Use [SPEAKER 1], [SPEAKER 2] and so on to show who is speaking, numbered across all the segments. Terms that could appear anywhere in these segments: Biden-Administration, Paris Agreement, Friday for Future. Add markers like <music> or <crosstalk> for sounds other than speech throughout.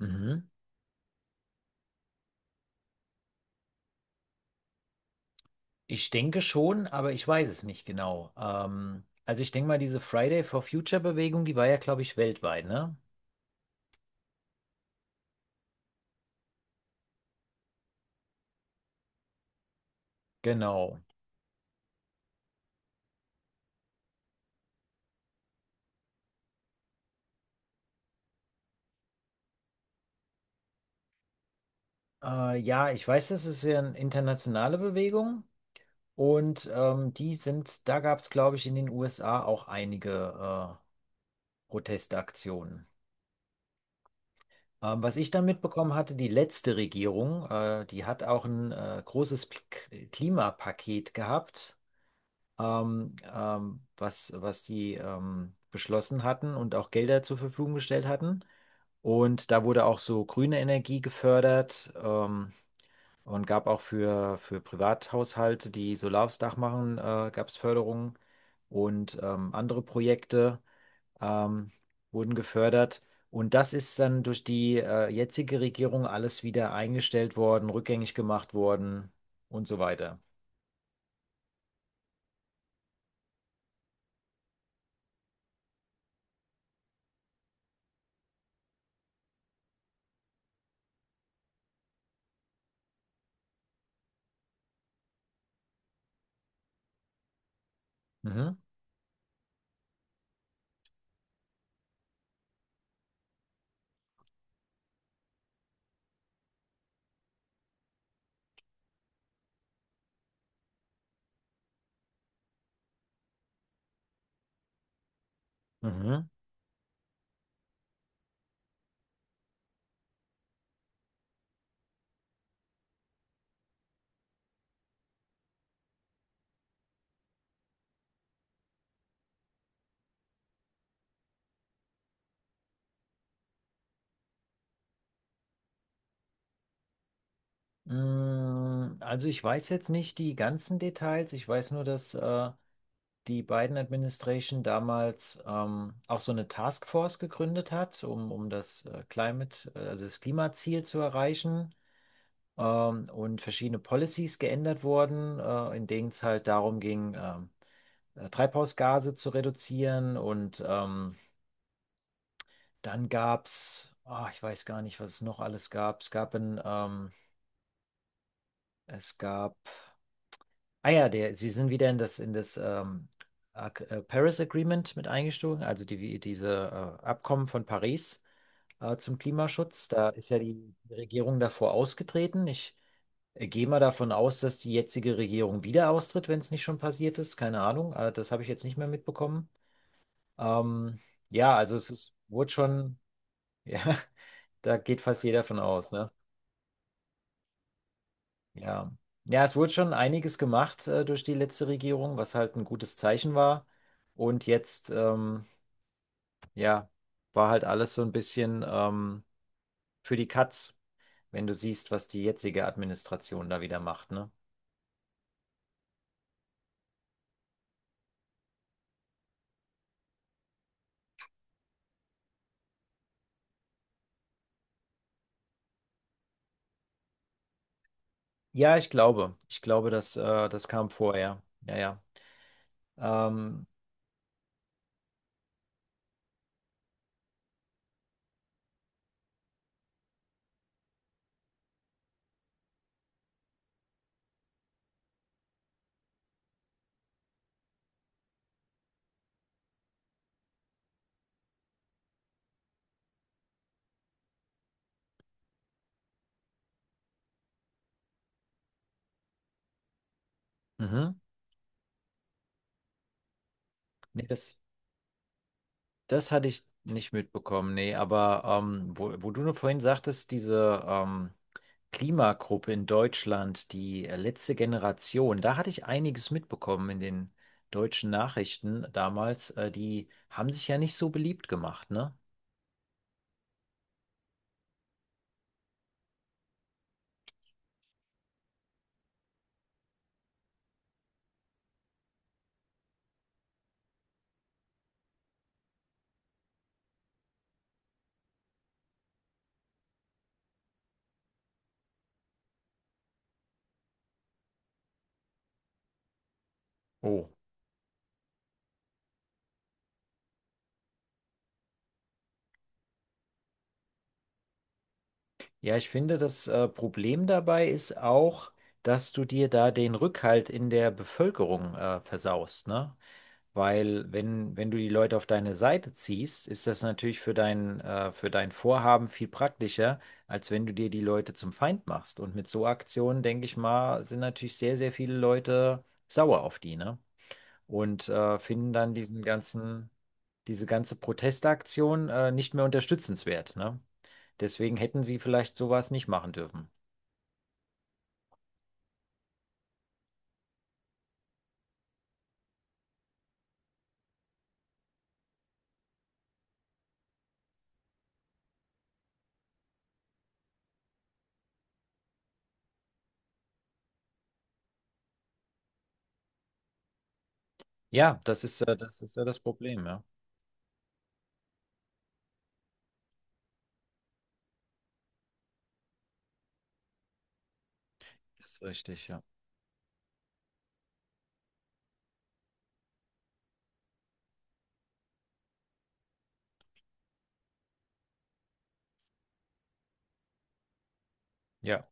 [SPEAKER 1] Mhm. Ich denke schon, aber ich weiß es nicht genau. Also ich denke mal, diese Friday for Future Bewegung, die war ja, glaube ich, weltweit, ne? Genau. Ja, ich weiß, das ist ja eine internationale Bewegung, und die sind, da gab es, glaube ich, in den USA auch einige Protestaktionen. Was ich dann mitbekommen hatte, die letzte Regierung, die hat auch ein großes P Klimapaket gehabt, was die beschlossen hatten und auch Gelder zur Verfügung gestellt hatten. Und da wurde auch so grüne Energie gefördert, und gab auch für Privathaushalte, die Solar aufs Dach machen, gab es Förderungen und andere Projekte ähm, wurden gefördert. Und das ist dann durch die jetzige Regierung alles wieder eingestellt worden, rückgängig gemacht worden, und so weiter. Mhm. Mhm. Also ich weiß jetzt nicht die ganzen Details. Ich weiß nur, dass die Biden-Administration damals auch so eine Taskforce gegründet hat, um also das Klimaziel zu erreichen. Und verschiedene Policies geändert wurden, in denen es halt darum ging, Treibhausgase zu reduzieren. Und dann gab es, ich weiß gar nicht, was es noch alles gab. Es gab ein, es gab Ah ja, sie sind wieder in das, in das Paris Agreement mit eingestiegen, also diese Abkommen von Paris zum Klimaschutz. Da ist ja die Regierung davor ausgetreten. Ich gehe mal davon aus, dass die jetzige Regierung wieder austritt, wenn es nicht schon passiert ist. Keine Ahnung, das habe ich jetzt nicht mehr mitbekommen. Ähm, ja, also es ist, wurde schon, <laughs> ja, da geht fast jeder von aus, ne? Ja. Ja, es wurde schon einiges gemacht durch die letzte Regierung, was halt ein gutes Zeichen war. Und jetzt, ja, war halt alles so ein bisschen für die Katz, wenn du siehst, was die jetzige Administration da wieder macht, ne? Ja, ich glaube. Ich glaube, das kam vorher. Ja, ja. Ähm, mhm. Nee, das hatte ich nicht mitbekommen, nee, aber wo du nur vorhin sagtest, diese Klimagruppe in Deutschland, die letzte Generation, da hatte ich einiges mitbekommen in den deutschen Nachrichten damals. Die haben sich ja nicht so beliebt gemacht, ne? Oh. Ja, ich finde, das Problem dabei ist auch, dass du dir da den Rückhalt in der Bevölkerung versaust, ne? Weil wenn du die Leute auf deine Seite ziehst, ist das natürlich für dein Vorhaben viel praktischer, als wenn du dir die Leute zum Feind machst. Und mit so Aktionen, denke ich mal, sind natürlich sehr, sehr viele Leute sauer auf die, ne? Und finden dann diese ganze Protestaktion nicht mehr unterstützenswert, ne? Deswegen hätten sie vielleicht sowas nicht machen dürfen. Ja, das ist ja das Problem, ja. Das ist richtig, ja. Ja.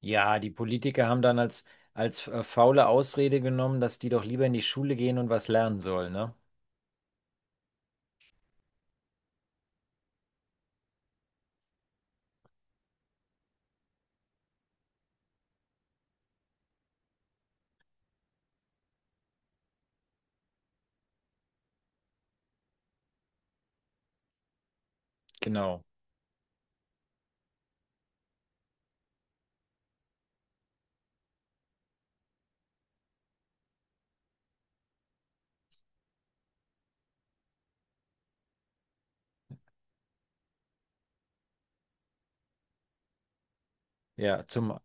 [SPEAKER 1] Ja, die Politiker haben dann als, als faule Ausrede genommen, dass die doch lieber in die Schule gehen und was lernen sollen, ne? Genau. Ja,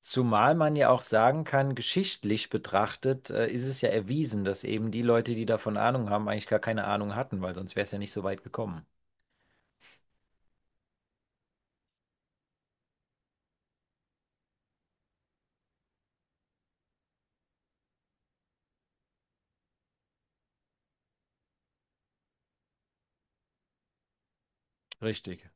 [SPEAKER 1] zumal man ja auch sagen kann, geschichtlich betrachtet, ist es ja erwiesen, dass eben die Leute, die davon Ahnung haben, eigentlich gar keine Ahnung hatten, weil sonst wäre es ja nicht so weit gekommen. Richtig.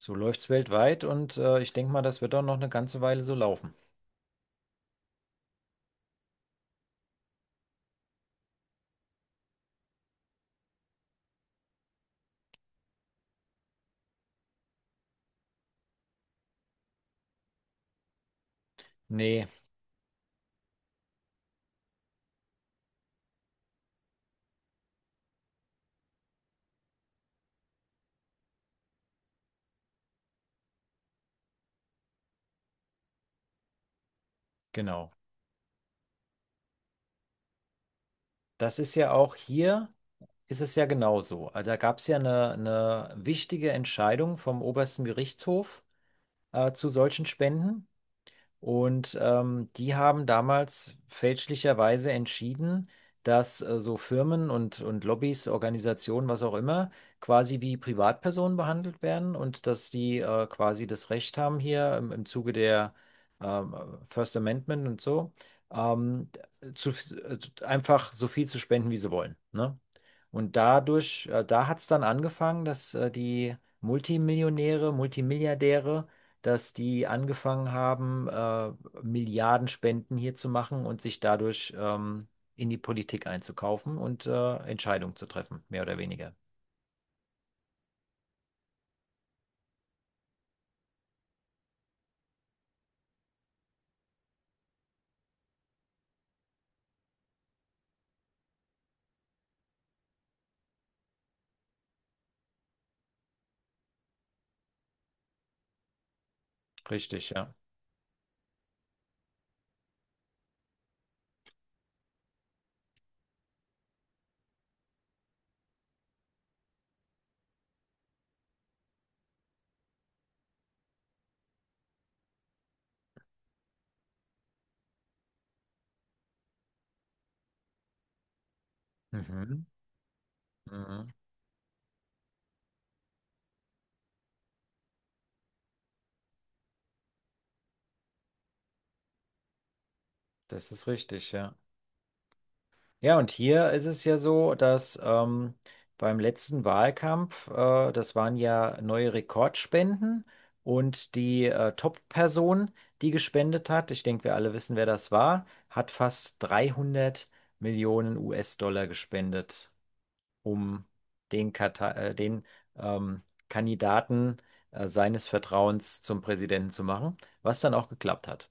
[SPEAKER 1] So läuft es weltweit, und ich denke mal, das wird auch noch eine ganze Weile so laufen. Nee, genau. Das ist ja auch hier, ist es ja genauso. Also da gab es ja eine wichtige Entscheidung vom obersten Gerichtshof zu solchen Spenden. Und die haben damals fälschlicherweise entschieden, dass so Firmen und Lobbys, Organisationen, was auch immer, quasi wie Privatpersonen behandelt werden und dass die quasi das Recht haben hier im Zuge der ähm, First Amendment und so, ähm, zu, äh, einfach so viel zu spenden, wie sie wollen. Ne? Und dadurch, da hat es dann angefangen, dass die Multimillionäre, Multimilliardäre, dass die angefangen haben, Milliardenspenden hier zu machen und sich dadurch in die Politik einzukaufen und Entscheidungen zu treffen, mehr oder weniger. Richtig, ja. Mhm. Mhm. Das ist richtig, ja. Ja, und hier ist es ja so, dass beim letzten Wahlkampf, das waren ja neue Rekordspenden, und die Top-Person, die gespendet hat, ich denke, wir alle wissen, wer das war, hat fast 300 Millionen US-Dollar gespendet, um den ähm, Kandidaten seines Vertrauens zum Präsidenten zu machen, was dann auch geklappt hat.